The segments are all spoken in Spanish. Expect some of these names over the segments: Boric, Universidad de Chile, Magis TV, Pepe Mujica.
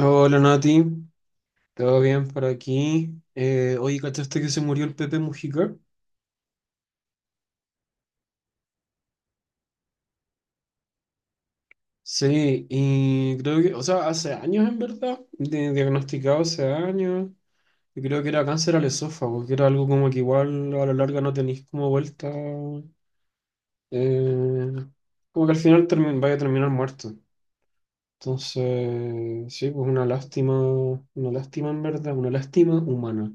Hola Nati, ¿todo bien por aquí? Oye, ¿cachaste que se murió el Pepe Mujica? Sí, y creo que, o sea, hace años en verdad, diagnosticado hace años, y creo que era cáncer al esófago, que era algo como que igual a la larga no tenéis como vuelta, eh, como que al final vaya a terminar muerto. Entonces, sí, pues una lástima en verdad, una lástima humana.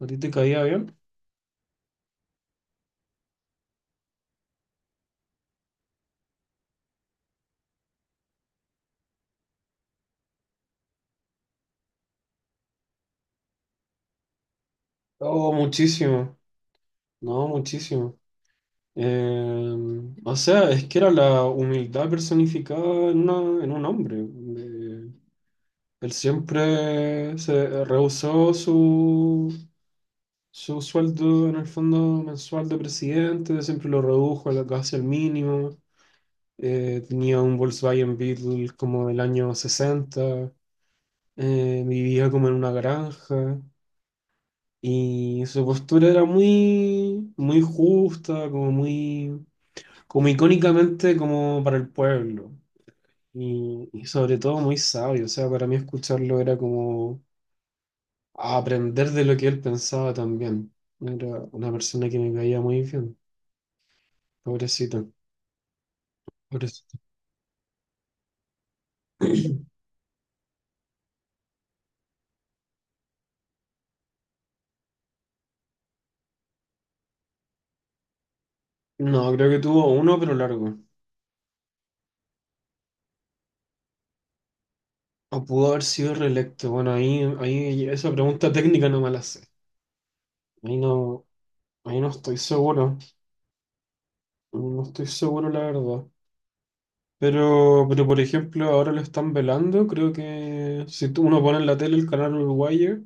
¿A ti te caía bien? Oh, muchísimo, no, muchísimo. Eh, o sea, es que era la humildad personificada en un hombre. Él siempre se rehusó su, su sueldo en el fondo mensual de presidente, siempre lo redujo casi al mínimo. Tenía un Volkswagen Beetle como del año 60. Vivía como en una granja y su postura era muy, muy justa, como muy como icónicamente como para el pueblo. Y sobre todo muy sabio, o sea, para mí escucharlo era como aprender de lo que él pensaba también. Era una persona que me caía muy bien, pobrecito, pobrecito. No, creo que tuvo uno, pero largo. O pudo haber sido reelecto. Bueno, ahí esa pregunta técnica no me la sé. Ahí no, ahí no estoy seguro, no estoy seguro la verdad. Pero por ejemplo, ahora lo están velando, creo que si uno pone en la tele el canal uruguayo,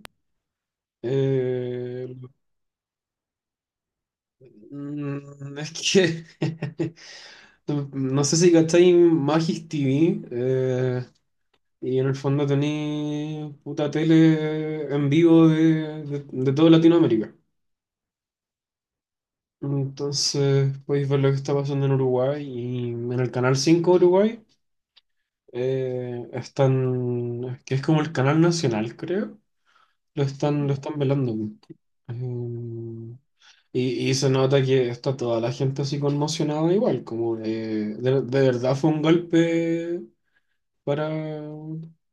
eh, mm, es que no sé si cacháis Magis TV y en el fondo tenéis puta tele en vivo de toda Latinoamérica. Entonces podéis ver lo que está pasando en Uruguay y en el canal 5 de Uruguay están, que es como el canal nacional, creo, lo están velando. Eh, y se nota que está toda la gente así conmocionada igual, como de verdad fue un golpe para,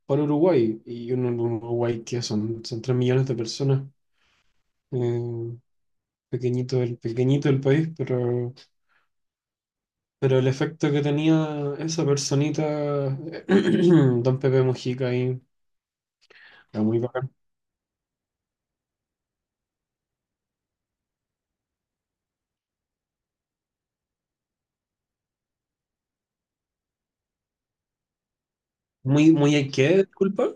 para Uruguay. Y un Uruguay que son 3 millones de personas. eh, pequeñito el país, pero el efecto que tenía esa personita, Don Pepe Mujica ahí, era muy bacán. Muy, muy ¿qué? Disculpa.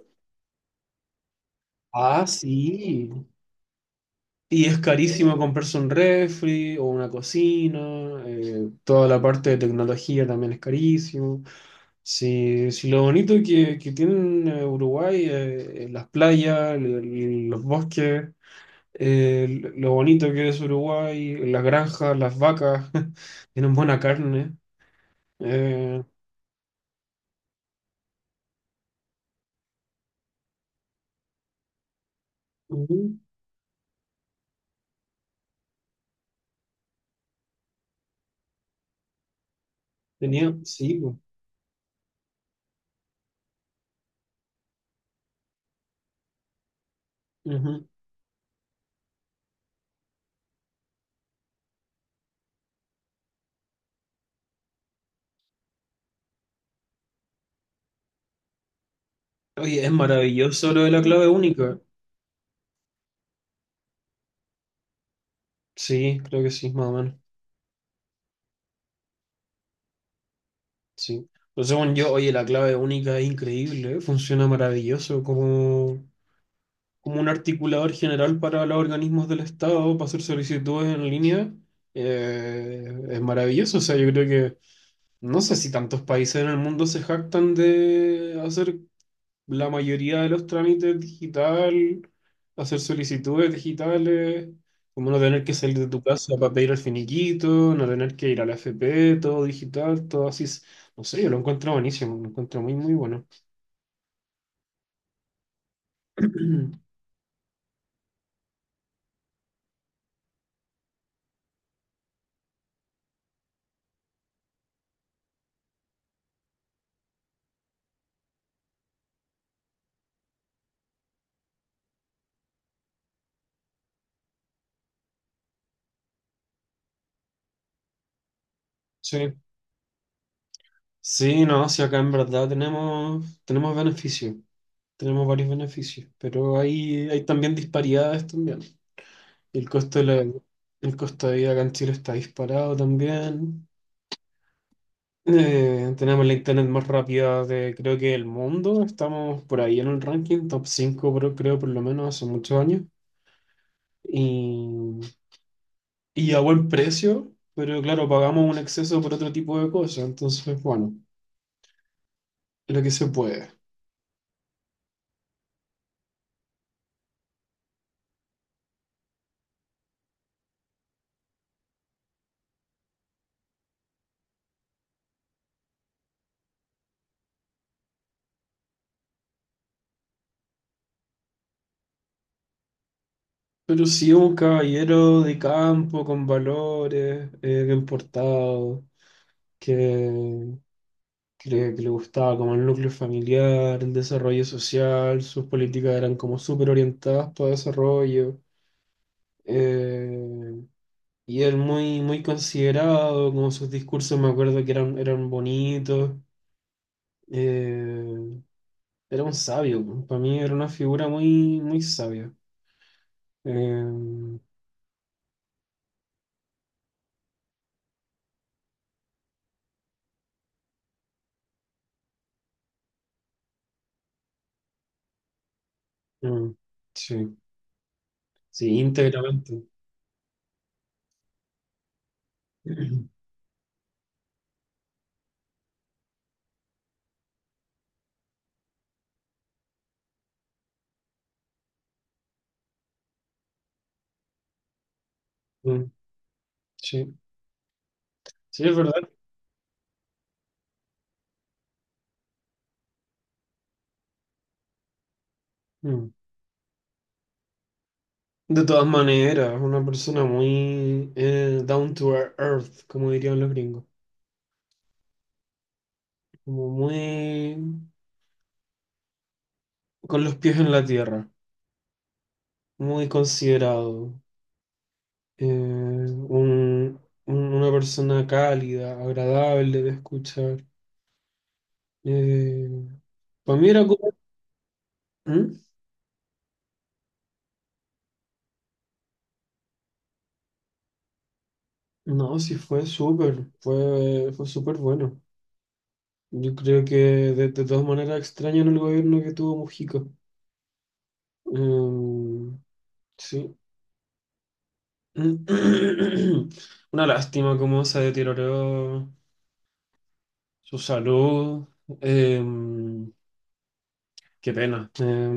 Ah, sí. Y es carísimo comprarse un refri o una cocina, toda la parte de tecnología también es carísimo. Sí, sí, lo bonito que tiene Uruguay, las playas, los bosques, lo bonito que es Uruguay, las granjas, las vacas, tienen buena carne. Eh, ujú, tenía, sí, po, ujú. Oye, es maravilloso lo de la clave única. Sí, creo que sí, más o menos. Sí. Pero según yo, oye, la clave única es increíble, ¿eh? Funciona maravilloso como, como un articulador general para los organismos del Estado, para hacer solicitudes en línea. Es maravilloso, o sea, yo creo que no sé si tantos países en el mundo se jactan de hacer la mayoría de los trámites digital, hacer solicitudes digitales, como no tener que salir de tu casa para pedir el finiquito, no tener que ir a la FP, todo digital, todo así. Es- No sé, yo lo encuentro buenísimo, lo encuentro muy, muy bueno. Sí, sí, no, si acá en verdad tenemos, tenemos beneficios, tenemos varios beneficios, pero hay también disparidades también. El costo de la, el costo de vida acá en Chile está disparado también. Tenemos la internet más rápida de creo que el mundo. Estamos por ahí en el ranking, top 5 creo, creo por lo menos hace muchos años. Y, y a buen precio, pero claro, pagamos un exceso por otro tipo de cosas. Entonces, bueno, lo que se puede. Pero sí un caballero de campo con valores, bien portado, que, que le gustaba como el núcleo familiar, el desarrollo social, sus políticas eran como súper orientadas para desarrollo. Eh, y él muy, muy considerado, como sus discursos me acuerdo que eran, eran bonitos. Eh, era un sabio, para mí era una figura muy, muy sabia. Eh, mm, sí, sí, íntegramente. Mm, sí, sí, es verdad. Mm. De todas maneras, una persona muy down to earth, como dirían los gringos. Como muy con los pies en la tierra, muy considerado, eh, un- una persona cálida, agradable de escuchar. Eh, Para mí era como- ¿Mm? No, sí fue súper, fue, fue súper bueno. Yo creo que de todas maneras extrañan el gobierno que tuvo Mujica. Sí. Una lástima cómo se deterioró su salud. Eh, qué pena.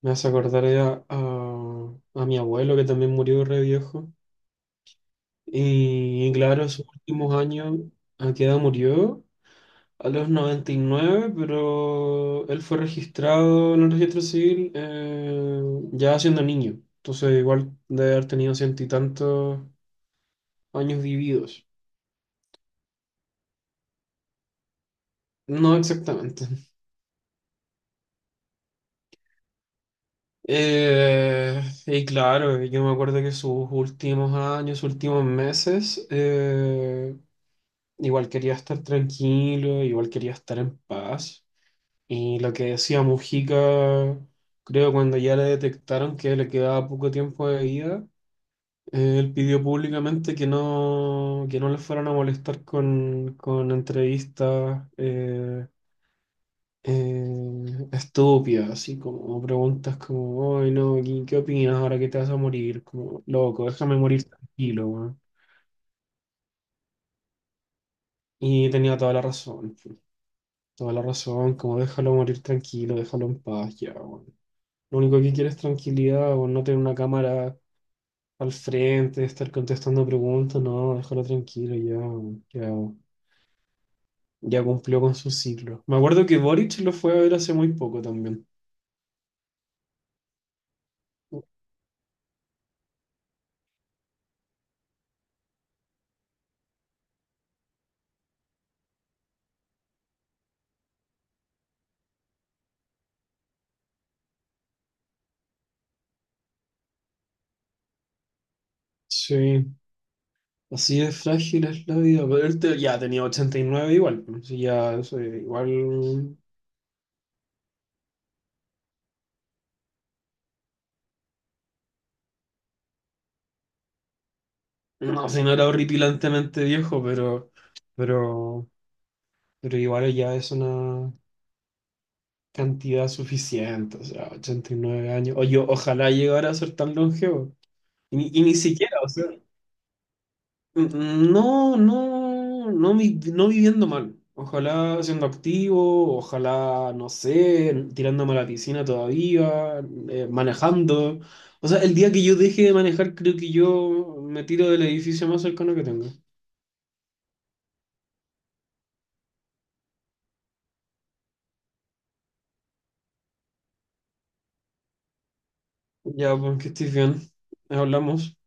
Me hace acordar a mi abuelo que también murió re viejo. Y, claro, sus últimos años, ¿a qué edad murió? A los 99, pero él fue registrado en el registro civil ya siendo niño. Entonces igual debe haber tenido ciento y tantos años vividos. No exactamente. Y claro, yo me acuerdo que sus últimos años, sus últimos meses, igual quería estar tranquilo, igual quería estar en paz. Y lo que decía Mujica, creo cuando ya le detectaron que le quedaba poco tiempo de vida, él pidió públicamente que no le fueran a molestar con entrevistas estúpidas, así como preguntas como, ay no, ¿qué, qué opinas ahora que te vas a morir? Como, loco, déjame morir tranquilo, weón". Y tenía toda la razón. Pues. Toda la razón, como déjalo morir tranquilo, déjalo en paz ya, weón. Lo único que quiere es tranquilidad, o no tener una cámara al frente, estar contestando preguntas, no, déjalo tranquilo ya, weón, ya, ya cumplió con su ciclo. Me acuerdo que Boric lo fue a ver hace muy poco también. Sí, así de frágil es la vida, pero él ya tenía 89 igual, pues, sí, ya, eso, igual, no sé, no era horripilantemente viejo, pero, pero igual ya es una... cantidad suficiente, o sea, 89 años. O yo, ojalá llegara a ser tan longevo. Y, ni siquiera, o sea, n- no, no, no, no viviendo mal. Ojalá siendo activo, ojalá, no sé, tirándome a la piscina todavía, manejando. O sea, el día que yo deje de manejar, creo que yo me tiro del edificio más cercano que tengo. Ya, pues que estés bien. Hablamos.